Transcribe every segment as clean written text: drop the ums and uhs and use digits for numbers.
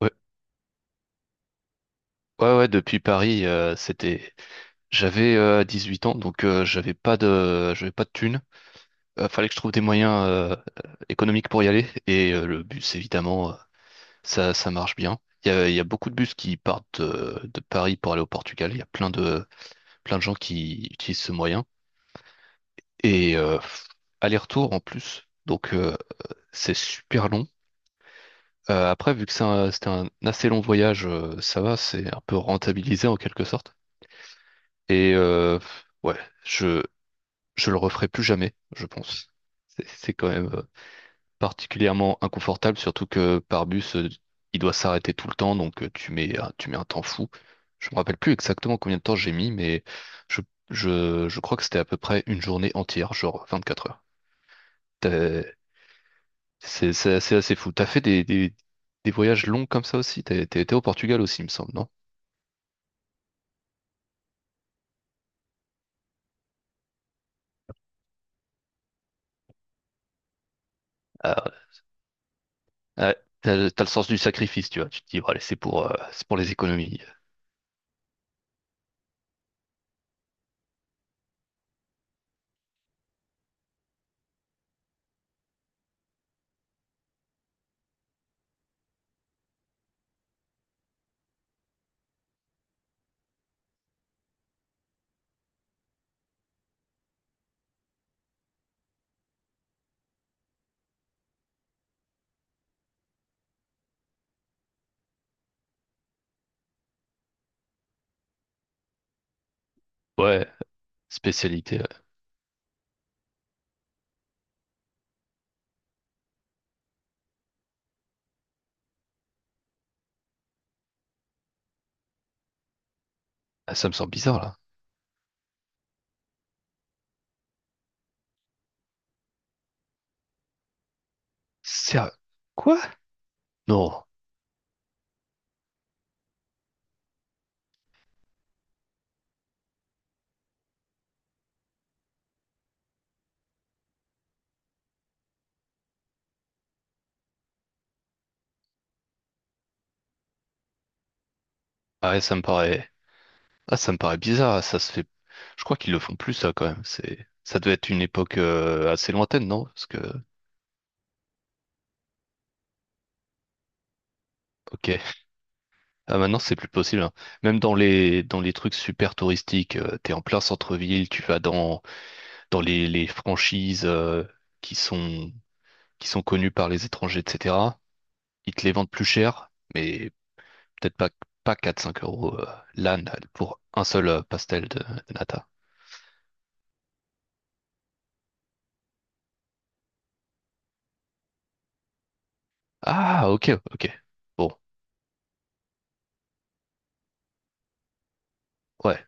Ouais, ouais, depuis Paris, c'était, j'avais 18 ans, donc j'avais pas j'avais pas de thunes. Fallait que je trouve des moyens économiques pour y aller, et le bus, évidemment, ça marche bien. Il y a beaucoup de bus qui partent de, Paris pour aller au Portugal. Il y a plein de gens qui utilisent ce moyen et pff, aller-retour en plus, donc c'est super long. Après, vu que c'était un assez long voyage, ça va, c'est un peu rentabilisé en quelque sorte. Et ouais, je, je le referai plus jamais, je pense. C'est quand même particulièrement inconfortable, surtout que par bus, il doit s'arrêter tout le temps, donc tu mets un temps fou. Je me rappelle plus exactement combien de temps j'ai mis, mais je, je crois que c'était à peu près une journée entière, genre 24 heures. T'as- c'est assez, assez fou. T'as fait des voyages longs comme ça aussi? T'as été au Portugal aussi, il me semble, non? Ouais, t'as le sens du sacrifice, tu vois. Tu te dis, bon, allez, c'est pour les économies. Ouais, spécialité. Ouais. Ah, ça me semble bizarre, là. Sérieux? Quoi? Non. Ah ouais, ça me paraît. Ah, ça me paraît bizarre, ça se fait. Je crois qu'ils le font plus, ça, quand même. C'est, ça devait être une époque assez lointaine, non? Parce que, ok. Ah, maintenant, c'est plus possible, hein. Même dans les trucs super touristiques, t'es en plein centre-ville, dans les franchises qui sont, qui sont connues par les étrangers, etc. Ils te les vendent plus cher, mais peut-être pas, pas quatre cinq euros l'âne pour un seul pastel de nata. Ah, ok, ok. Bon, ouais,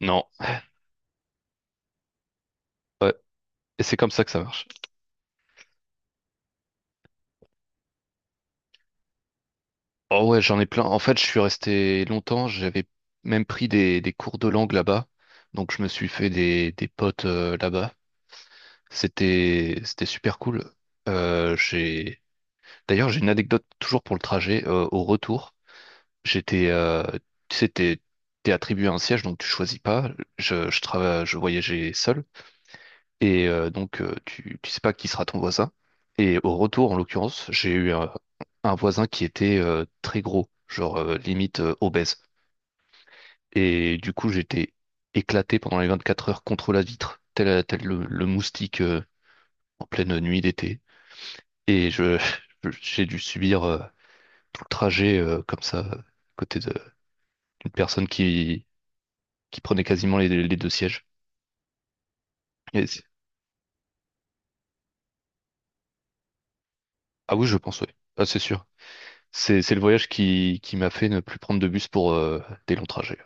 non. Ouais. Et c'est comme ça que ça marche. Oh ouais, j'en ai plein. En fait, je suis resté longtemps. J'avais même pris des cours de langue là-bas. Donc, je me suis fait des potes là-bas. C'était super cool. Euh, j'ai, d'ailleurs, j'ai une anecdote toujours pour le trajet. Au retour, j'étais, euh, tu sais, t'es attribué un siège, donc tu choisis pas. Je voyageais seul. Et donc, tu sais pas qui sera ton voisin. Et au retour, en l'occurrence, un voisin qui était très gros, limite obèse. Et du coup, j'étais éclaté pendant les 24 heures contre la vitre, tel le moustique en pleine nuit d'été. Et j'ai dû subir tout le trajet comme ça, à côté de- d'une personne qui prenait quasiment les deux sièges. Et c'est- ah oui, je pense, oui. Ah, c'est sûr. C'est le voyage qui m'a fait ne plus prendre de bus pour des longs trajets.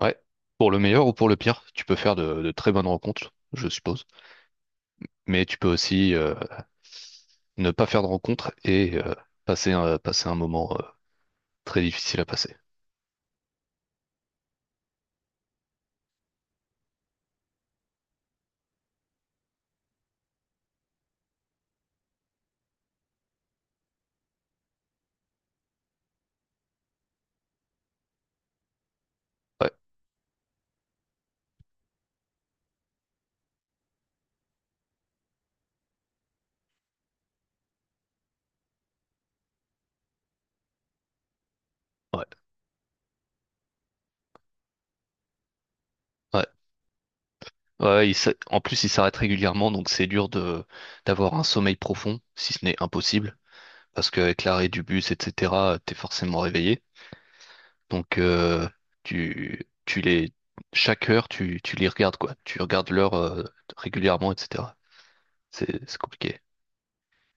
Ouais. Pour le meilleur ou pour le pire, tu peux faire de très bonnes rencontres, je suppose. Mais tu peux aussi ne pas faire de rencontre et passer un moment très difficile à passer. Ouais, ouais, ouais. Ouais, ouais, en plus, il s'arrête régulièrement, donc c'est dur de d'avoir un sommeil profond, si ce n'est impossible, parce qu'avec l'arrêt du bus, etc., t'es forcément réveillé. Donc, tu, tu les, chaque heure, tu les regardes, quoi. Tu regardes l'heure régulièrement, etc. C'est compliqué.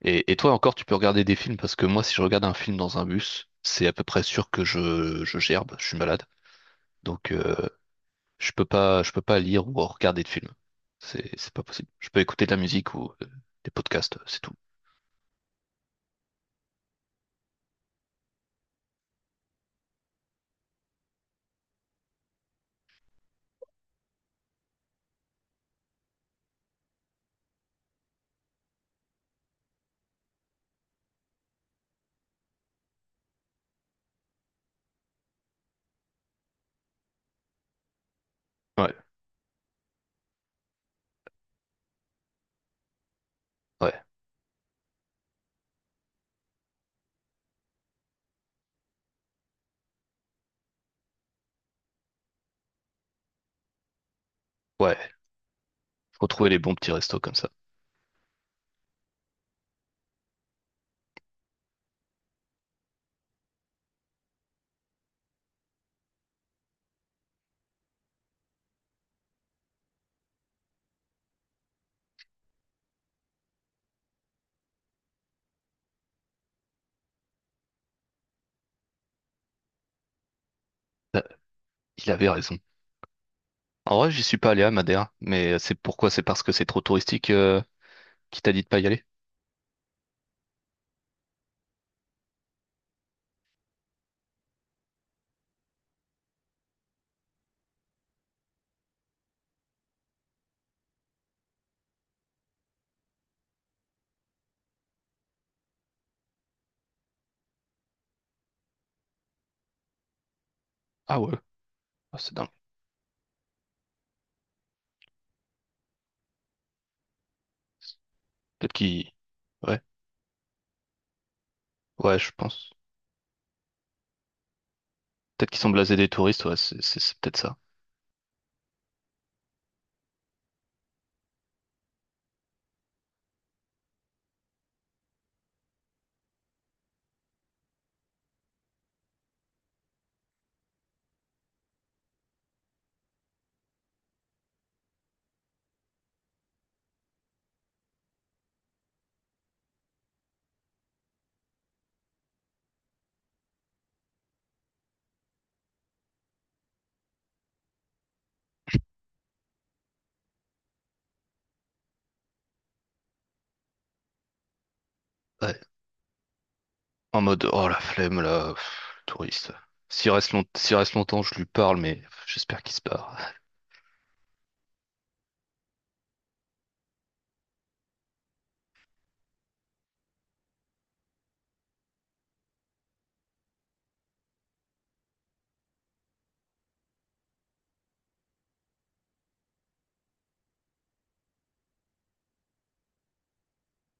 Et toi encore, tu peux regarder des films parce que moi, si je regarde un film dans un bus, c'est à peu près sûr que je gerbe, je suis malade. Donc, je peux pas lire ou regarder de films. C'est pas possible. Je peux écouter de la musique ou des podcasts, c'est tout. Ouais, ouais, ouais. Faut trouver les bons petits restos comme ça. Bah, il avait raison. En vrai, j'y suis pas allé à Madère, mais c'est pourquoi? C'est parce que c'est trop touristique qui t'a dit de pas y aller? Ah ouais, ah, c'est dingue. Peut-être qu'il... Ouais, ouais, je pense. Peut-être qu'ils sont blasés des touristes, ouais, c'est peut-être ça. Ouais. En mode, oh la flemme là, pff, touriste. S'il reste longtemps, je lui parle, mais j'espère qu'il se barre.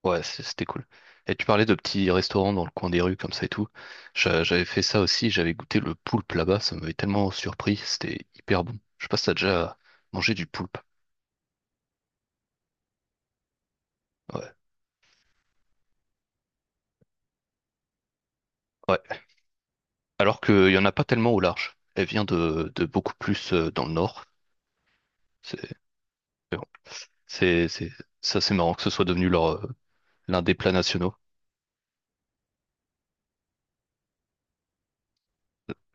Ouais, c'était cool. Et tu parlais de petits restaurants dans le coin des rues comme ça et tout. J'avais fait ça aussi, j'avais goûté le poulpe là-bas, ça m'avait tellement surpris, c'était hyper bon. Je sais pas si t'as déjà mangé du poulpe. Ouais. Ouais. Alors qu'il y en a pas tellement au large. Elle vient de beaucoup plus dans le nord. C'est mais bon. c'est c'est- Ça c'est marrant que ce soit devenu leur l'un des plats nationaux,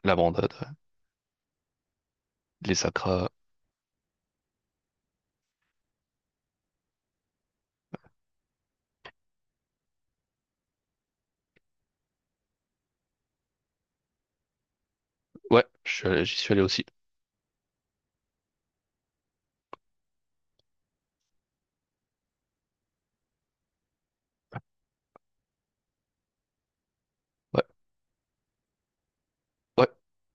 la brandade, ouais. Les sacras. Ouais, j'y suis allé aussi. Ouais, ouais.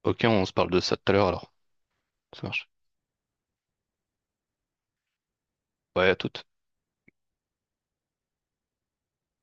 Ok, on se parle de ça tout à l'heure alors. Ça marche. Ouais, à toute.